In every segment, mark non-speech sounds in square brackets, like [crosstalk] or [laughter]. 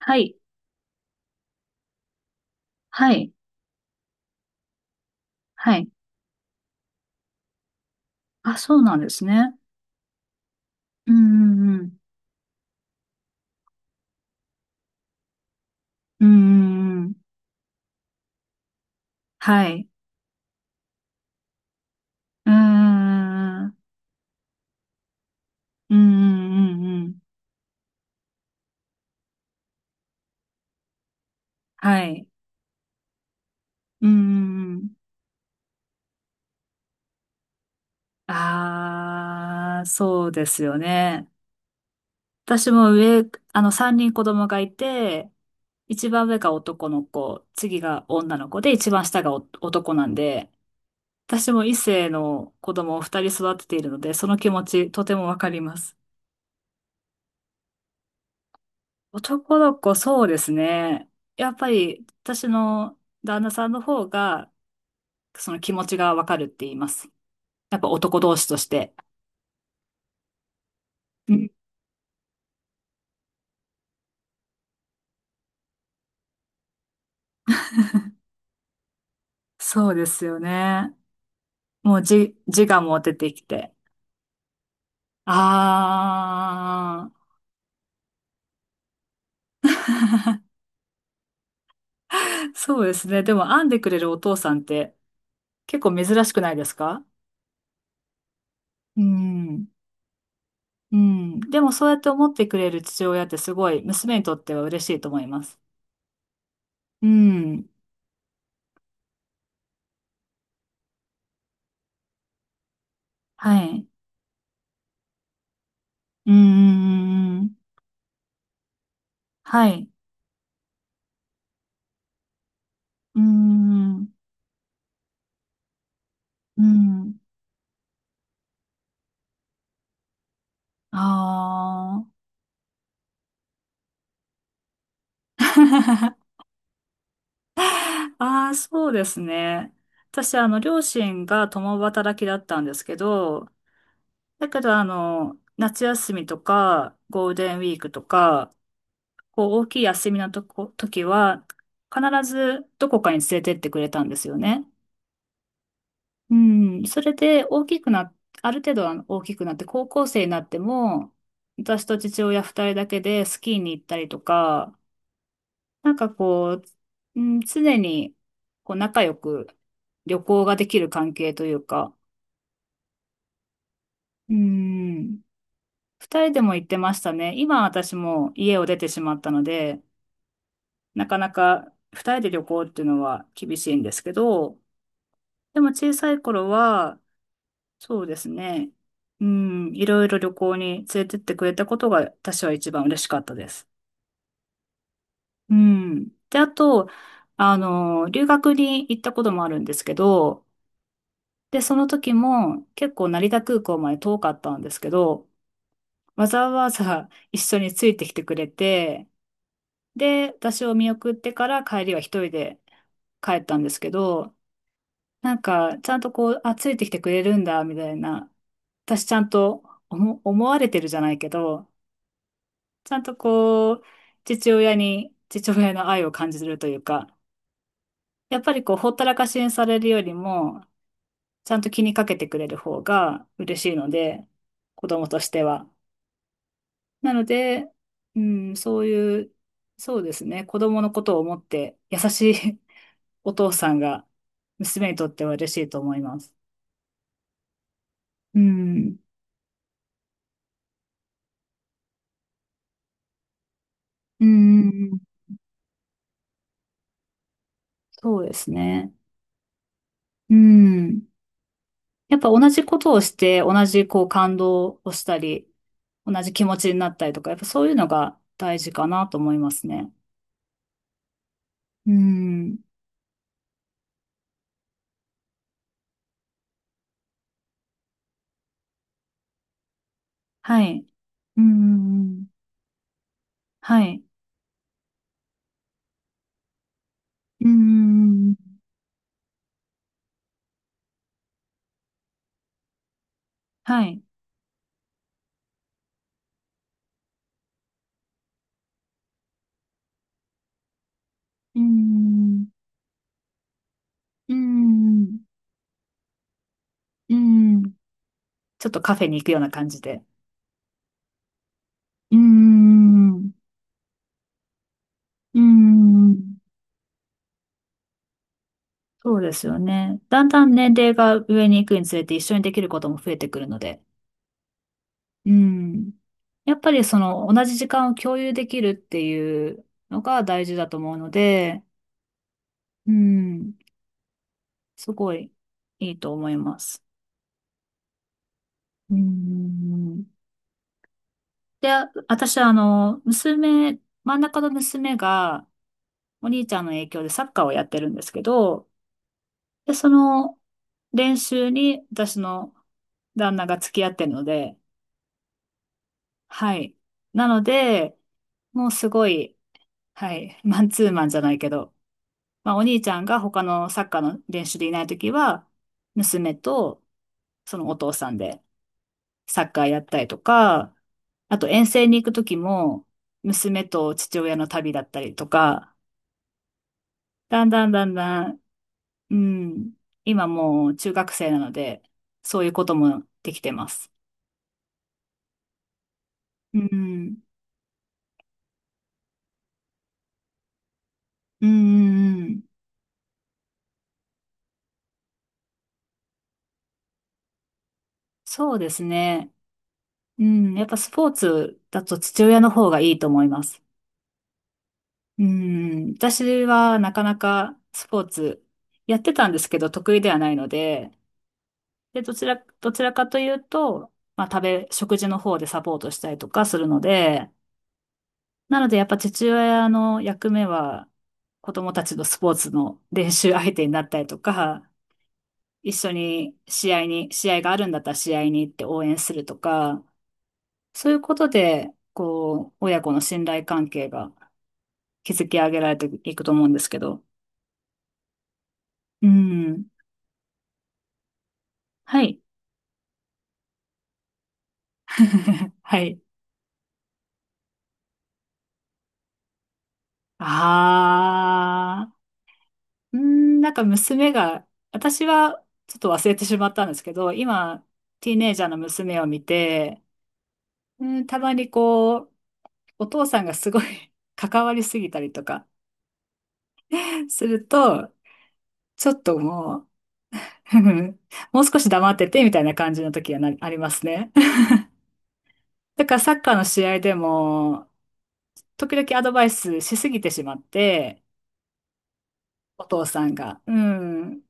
はい。はい。はい。あ、そうなんですね。うんうんうん。うんうんうん。はい。うんうんうんうんうん。はい。うんうんうんうんはいうんうん。ああ、そうですよね。私も上、あの、三人子供がいて、一番上が男の子、次が女の子で、一番下がお男なんで、私も異性の子供を二人育てているので、その気持ちとてもわかります。男の子、そうですね。やっぱり、私の旦那さんの方が、その気持ちがわかるって言います。やっぱ男同士として。うん。そうですよね。もうじ、自我も出てきて。ああ、そうですね。でも、編んでくれるお父さんって結構珍しくないですか？うん。うん。でも、そうやって思ってくれる父親ってすごい、娘にとっては嬉しいと思います。うん。はい。うんうんうんうん。はい。うーん、うん、ああ。[laughs] ああ、そうですね。私、両親が共働きだったんですけど、だけど、夏休みとか、ゴールデンウィークとか、こう、大きい休みの時は、必ずどこかに連れてってくれたんですよね。うん、それで、大きくな、ある程度は大きくなって、高校生になっても、私と父親二人だけでスキーに行ったりとか、なんかこう、うん、常にこう仲良く旅行ができる関係というか、うん、二人でも行ってましたね。今私も家を出てしまったので、なかなか二人で旅行っていうのは厳しいんですけど、でも小さい頃は、そうですね、うん、いろいろ旅行に連れてってくれたことが私は一番嬉しかったです。うん。で、あと、留学に行ったこともあるんですけど、で、その時も結構成田空港まで遠かったんですけど、わざわざ一緒についてきてくれて、で、私を見送ってから帰りは一人で帰ったんですけど、なんか、ちゃんとこう、あ、ついてきてくれるんだ、みたいな、私ちゃんと思われてるじゃないけど、ちゃんとこう、父親の愛を感じるというか、やっぱりこう、ほったらかしにされるよりも、ちゃんと気にかけてくれる方が嬉しいので、子供としては。なので、うん、そういう、そうですね、子供のことを思って優しい [laughs] お父さんが娘にとっては嬉しいと思います。うん、うん、そうですね。うん。やっぱ同じことをして、同じこう感動をしたり、同じ気持ちになったりとか、やっぱそういうのが大事かなと思いますね。うん。はい。うん。はい。うーん。はい。うーん。うーん。うーん。ちょっとカフェに行くような感じで。うーん。うーん。そうですよね。だんだん年齢が上に行くにつれて一緒にできることも増えてくるので。うん。やっぱりその同じ時間を共有できるっていうのが大事だと思うので、うん。すごいいいと思います。うん。で、私は真ん中の娘が、お兄ちゃんの影響でサッカーをやってるんですけど、で、その練習に私の旦那が付き合ってるので、はい。なので、もうすごい、はい、マンツーマンじゃないけど、まあお兄ちゃんが他のサッカーの練習でいないときは、娘とそのお父さんでサッカーやったりとか、あと遠征に行くときも、娘と父親の旅だったりとか、だんだんだんだん。うん。今もう中学生なので、そういうこともできてます。うん。うんうんうん。そうですね。うん。やっぱスポーツだと父親の方がいいと思います。うん。私はなかなかスポーツやってたんですけど、得意ではないので、で、どちらかというと、まあ、食事の方でサポートしたりとかするので、なので、やっぱ父親の役目は、子供たちのスポーツの練習相手になったりとか、一緒に試合があるんだったら試合に行って応援するとか、そういうことで、こう、親子の信頼関係が築き上げられていくと思うんですけど。うん。はい。[laughs] はい。ああ、うーん、なんか娘が、私はちょっと忘れてしまったんですけど、今、ティーネイジャーの娘を見て、うん、たまにこう、お父さんがすごい [laughs] 関わりすぎたりとかすると、ちょっともう、[laughs] もう少し黙っててみたいな感じの時はな、ありますね。[laughs] だからサッカーの試合でも、時々アドバイスしすぎてしまって、お父さんが。うん。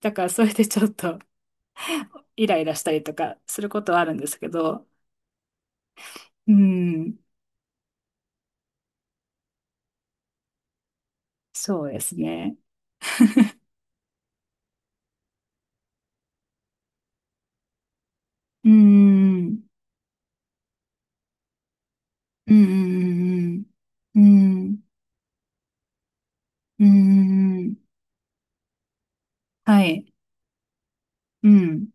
だからそれでちょっと [laughs] イライラしたりとかすることはあるんですけど、うん。そうですね。うん。うん。うん。うん。うん。うん。うん。はい。うん。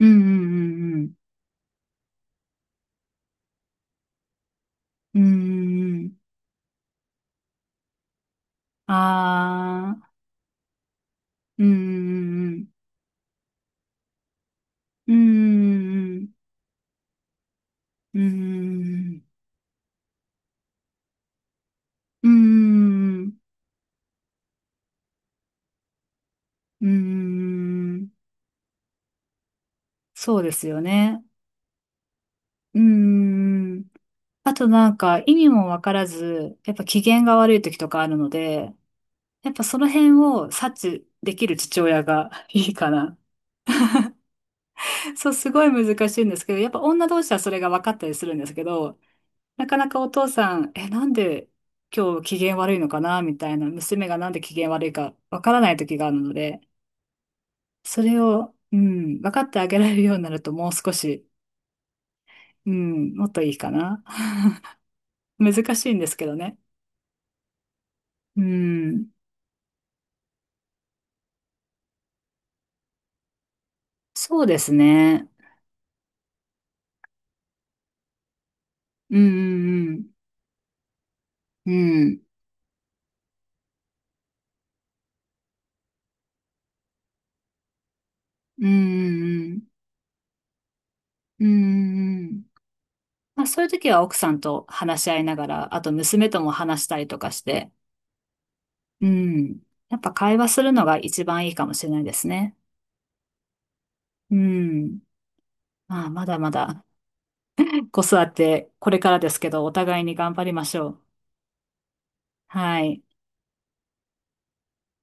うんうんうんうん。うんうんうん。ああ、うんうんうん。うんうんうん。うんうんうん。うん。そうですよね。うん。あとなんか意味もわからず、やっぱ機嫌が悪い時とかあるので、やっぱその辺を察知できる父親がいいかな。そう、すごい難しいんですけど、やっぱ女同士はそれが分かったりするんですけど、なかなかお父さん、え、なんで今日機嫌悪いのかなみたいな、娘がなんで機嫌悪いかわからない時があるので、それを、うん、分かってあげられるようになるともう少し、うん、もっといいかな。[laughs] 難しいんですけどね。うん、そうですね。うんうんうん。うん。うんうんうん。うんうんうん。まあそういう時は奥さんと話し合いながら、あと娘とも話したりとかして、うん。やっぱ会話するのが一番いいかもしれないですね。うん。まあ、まだまだ子育てこれからですけど、お互いに頑張りましょう。はい。